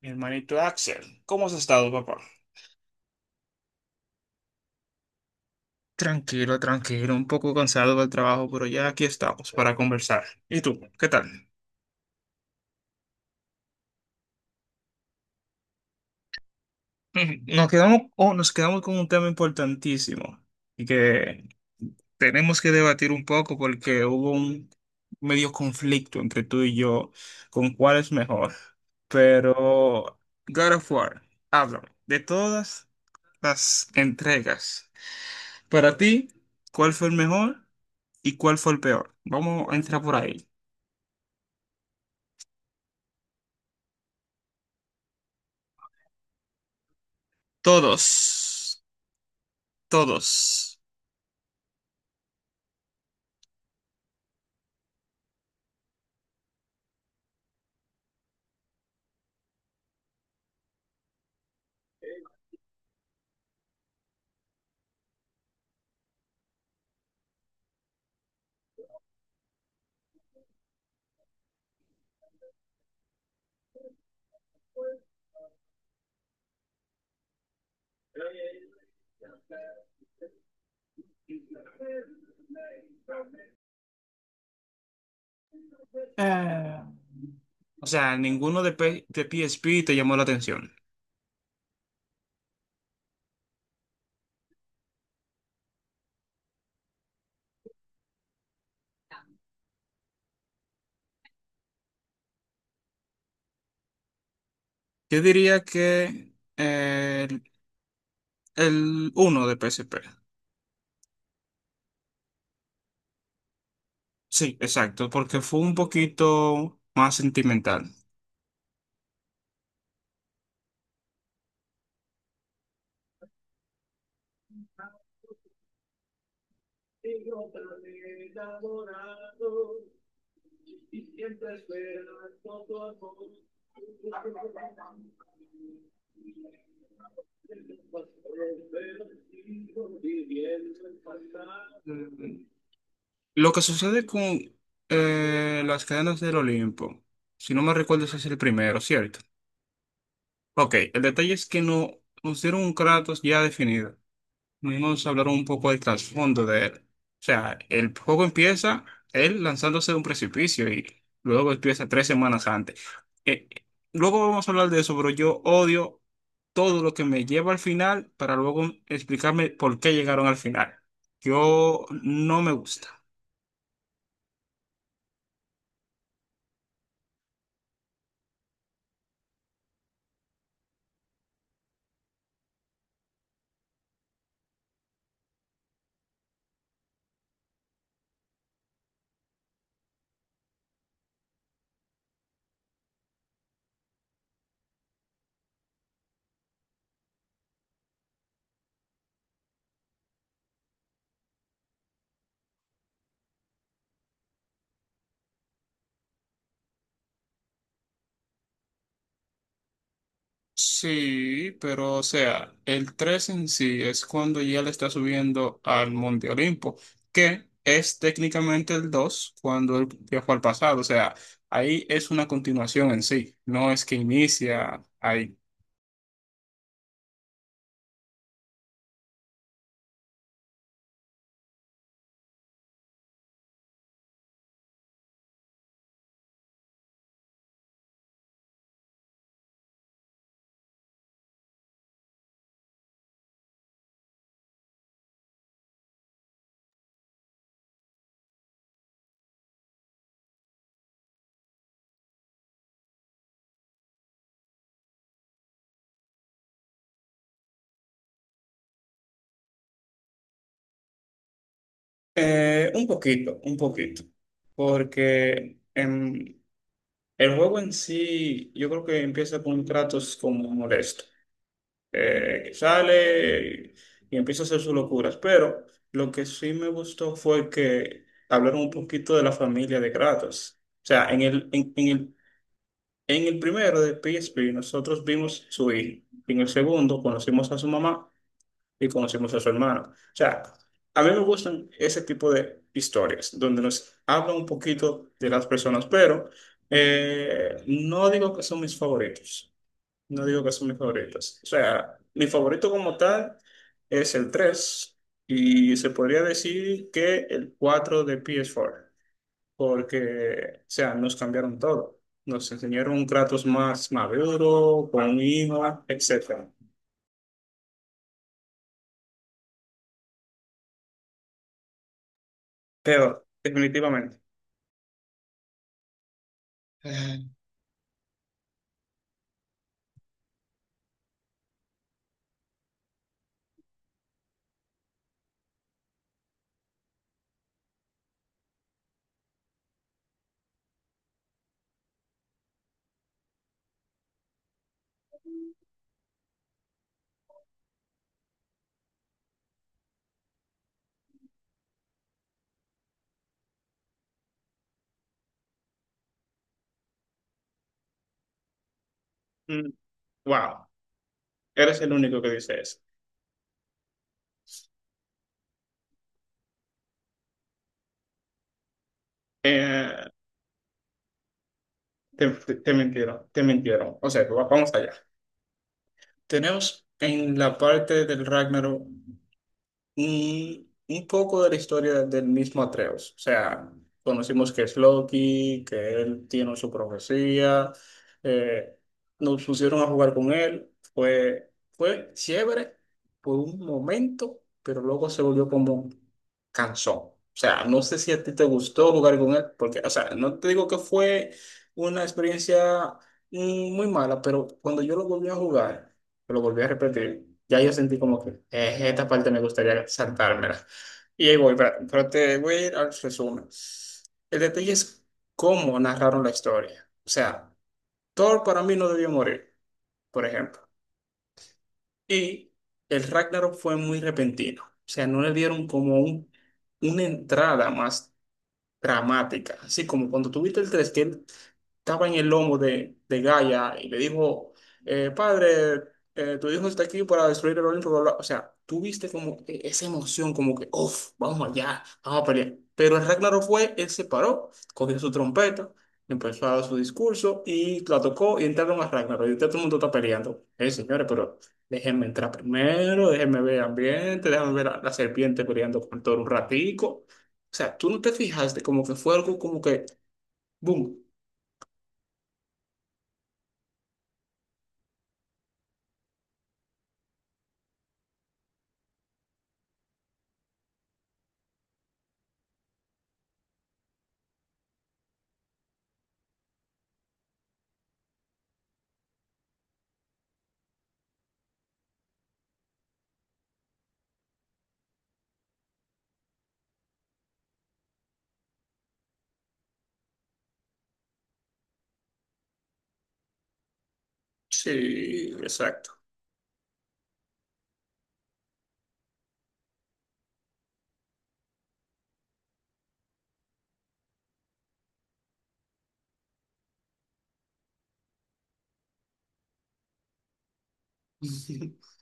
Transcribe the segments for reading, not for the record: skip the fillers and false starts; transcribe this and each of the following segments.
Mi hermanito Axel, ¿cómo has estado, papá? Tranquilo, tranquilo, un poco cansado del trabajo, pero ya aquí estamos para conversar. ¿Y tú, qué tal? Ujú, nos quedamos, oh, nos quedamos con un tema importantísimo y que tenemos que debatir un poco porque hubo un medio conflicto entre tú y yo con cuál es mejor. Pero God of War, háblame de todas las entregas. Para ti, ¿cuál fue el mejor? ¿Y cuál fue el peor? Vamos a entrar por ahí. Todos, todos. Eh, o sea, ninguno de, P- de PSP te llamó la atención. Yo diría que uno de PSP. Sí, exacto, porque fue un poquito más sentimental. Y yo te adorado y siempre esperando tu amor. Lo que sucede con las cadenas del Olimpo, si no me recuerdo, ese es el primero, ¿cierto? Ok, el detalle es que no nos dieron un Kratos ya definido. Vamos a hablar un poco del trasfondo de él. O sea, el juego empieza él lanzándose de un precipicio y luego empieza tres semanas antes. Eh, eh, Luego vamos a hablar de eso, pero yo odio todo lo que me lleva al final para luego explicarme por qué llegaron al final. Yo no me gusta. Sí, pero o sea, el 3 en sí es cuando ya le está subiendo al Monte Olimpo, que es técnicamente el 2 cuando él viajó al pasado, o sea, ahí es una continuación en sí, no es que inicia ahí. Un poquito, un poquito, porque el juego en sí yo creo que empieza con un Kratos como molesto. Que sale y empieza a hacer sus locuras. Pero lo que sí me gustó fue que hablaron un poquito de la familia de Kratos. O sea, en el primero de PSP nosotros vimos su hijo. En el segundo conocimos a su mamá y conocimos a su hermano. O sea, a mí me gustan ese tipo de historias donde nos hablan un poquito de las personas, pero no digo que son mis favoritos. No digo que son mis favoritos. O sea, mi favorito como tal es el 3 y se podría decir que el 4 de PS4, porque, o sea, nos cambiaron todo. Nos enseñaron un Kratos más maduro, con un hijo, etcétera. Pero, definitivamente. Eh, Mm, Wow, eres el único que dice eso. Eh, Te mintieron, te mintieron. O sea, vamos allá. Tenemos en la parte del Ragnarok y poco de la historia del mismo Atreus. O sea, conocimos que es Loki, que él tiene su profecía, eh, nos pusieron a jugar con él, fue chévere por un momento, pero luego se volvió como cansón. O sea, no sé si a ti te gustó jugar con él, porque, o sea, no te digo que fue una experiencia muy mala, pero cuando yo lo volví a jugar, lo volví a repetir. Ya yo sentí como que esta parte me gustaría saltármela. Y ahí voy, pero te voy a ir al resumen. El detalle es cómo narraron la historia. O sea, Thor para mí no debió morir, por ejemplo. Y el Ragnarok fue muy repentino. O sea, no le dieron como un, una entrada más dramática, así como cuando tuviste el 3, que él estaba en el lomo de Gaia y le dijo, padre, tu hijo está aquí para destruir el Olimpo, bla, bla. O sea, tuviste como esa emoción, como que, uff, vamos allá, vamos a pelear. Pero el Ragnarok fue, él se paró, cogió su trompeta, empezó a dar su discurso y la tocó y entraron a Ragnarok. Y ahorita todo el mundo está peleando. Señores, pero déjenme entrar primero, déjenme ver el ambiente, déjenme ver a la serpiente peleando con todo un ratico. O sea, tú no te fijaste, como que fue algo como que, boom. Sí, exacto.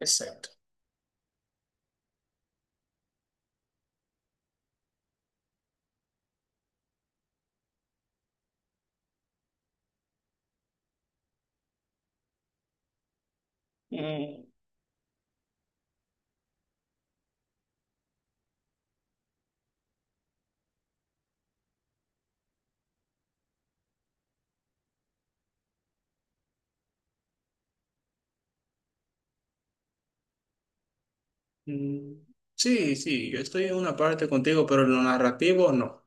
Exacto. Mm, mm, Sí, sí, yo estoy en una parte contigo, pero en lo narrativo no.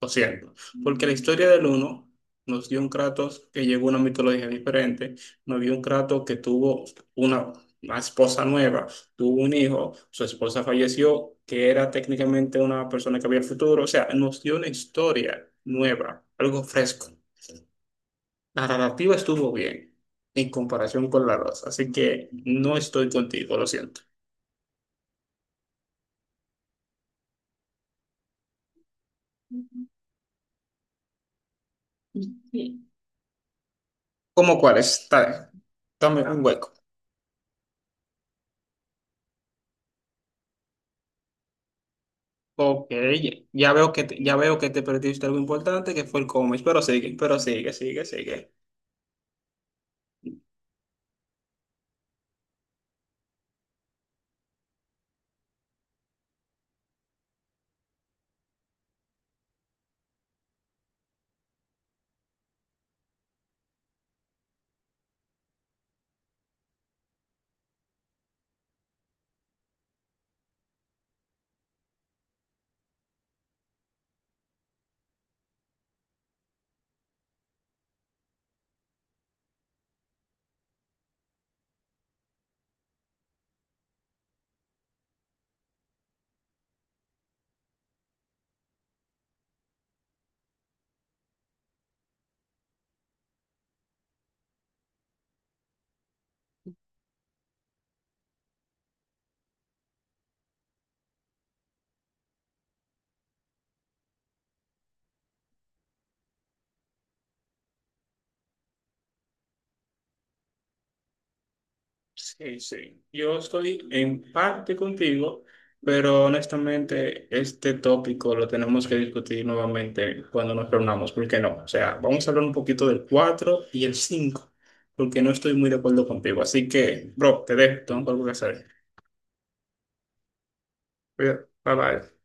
Lo siento. Porque la historia del uno nos dio un Kratos que llegó a una mitología diferente, nos dio un Kratos que tuvo una, una esposa nueva, tuvo un hijo, su esposa falleció, que era técnicamente una persona que había el futuro. O sea, nos dio una historia nueva, algo fresco. La narrativa estuvo bien en comparación con la dos así que no estoy contigo, lo siento. Sí. ¿Cómo cuál es? Está bien, dame un hueco. Ok, ya veo que te, ya veo que te perdiste algo importante que fue el cómic, pero sigue, sigue, sigue. Sí, sí. Yo estoy en parte contigo, pero honestamente este tópico lo tenemos que discutir nuevamente cuando nos reunamos, porque no? O sea, vamos a hablar un poquito del 4 y el 5, porque no estoy muy de acuerdo contigo. Así que, bro, te dejo, tengo algo que hacer. Bye bye.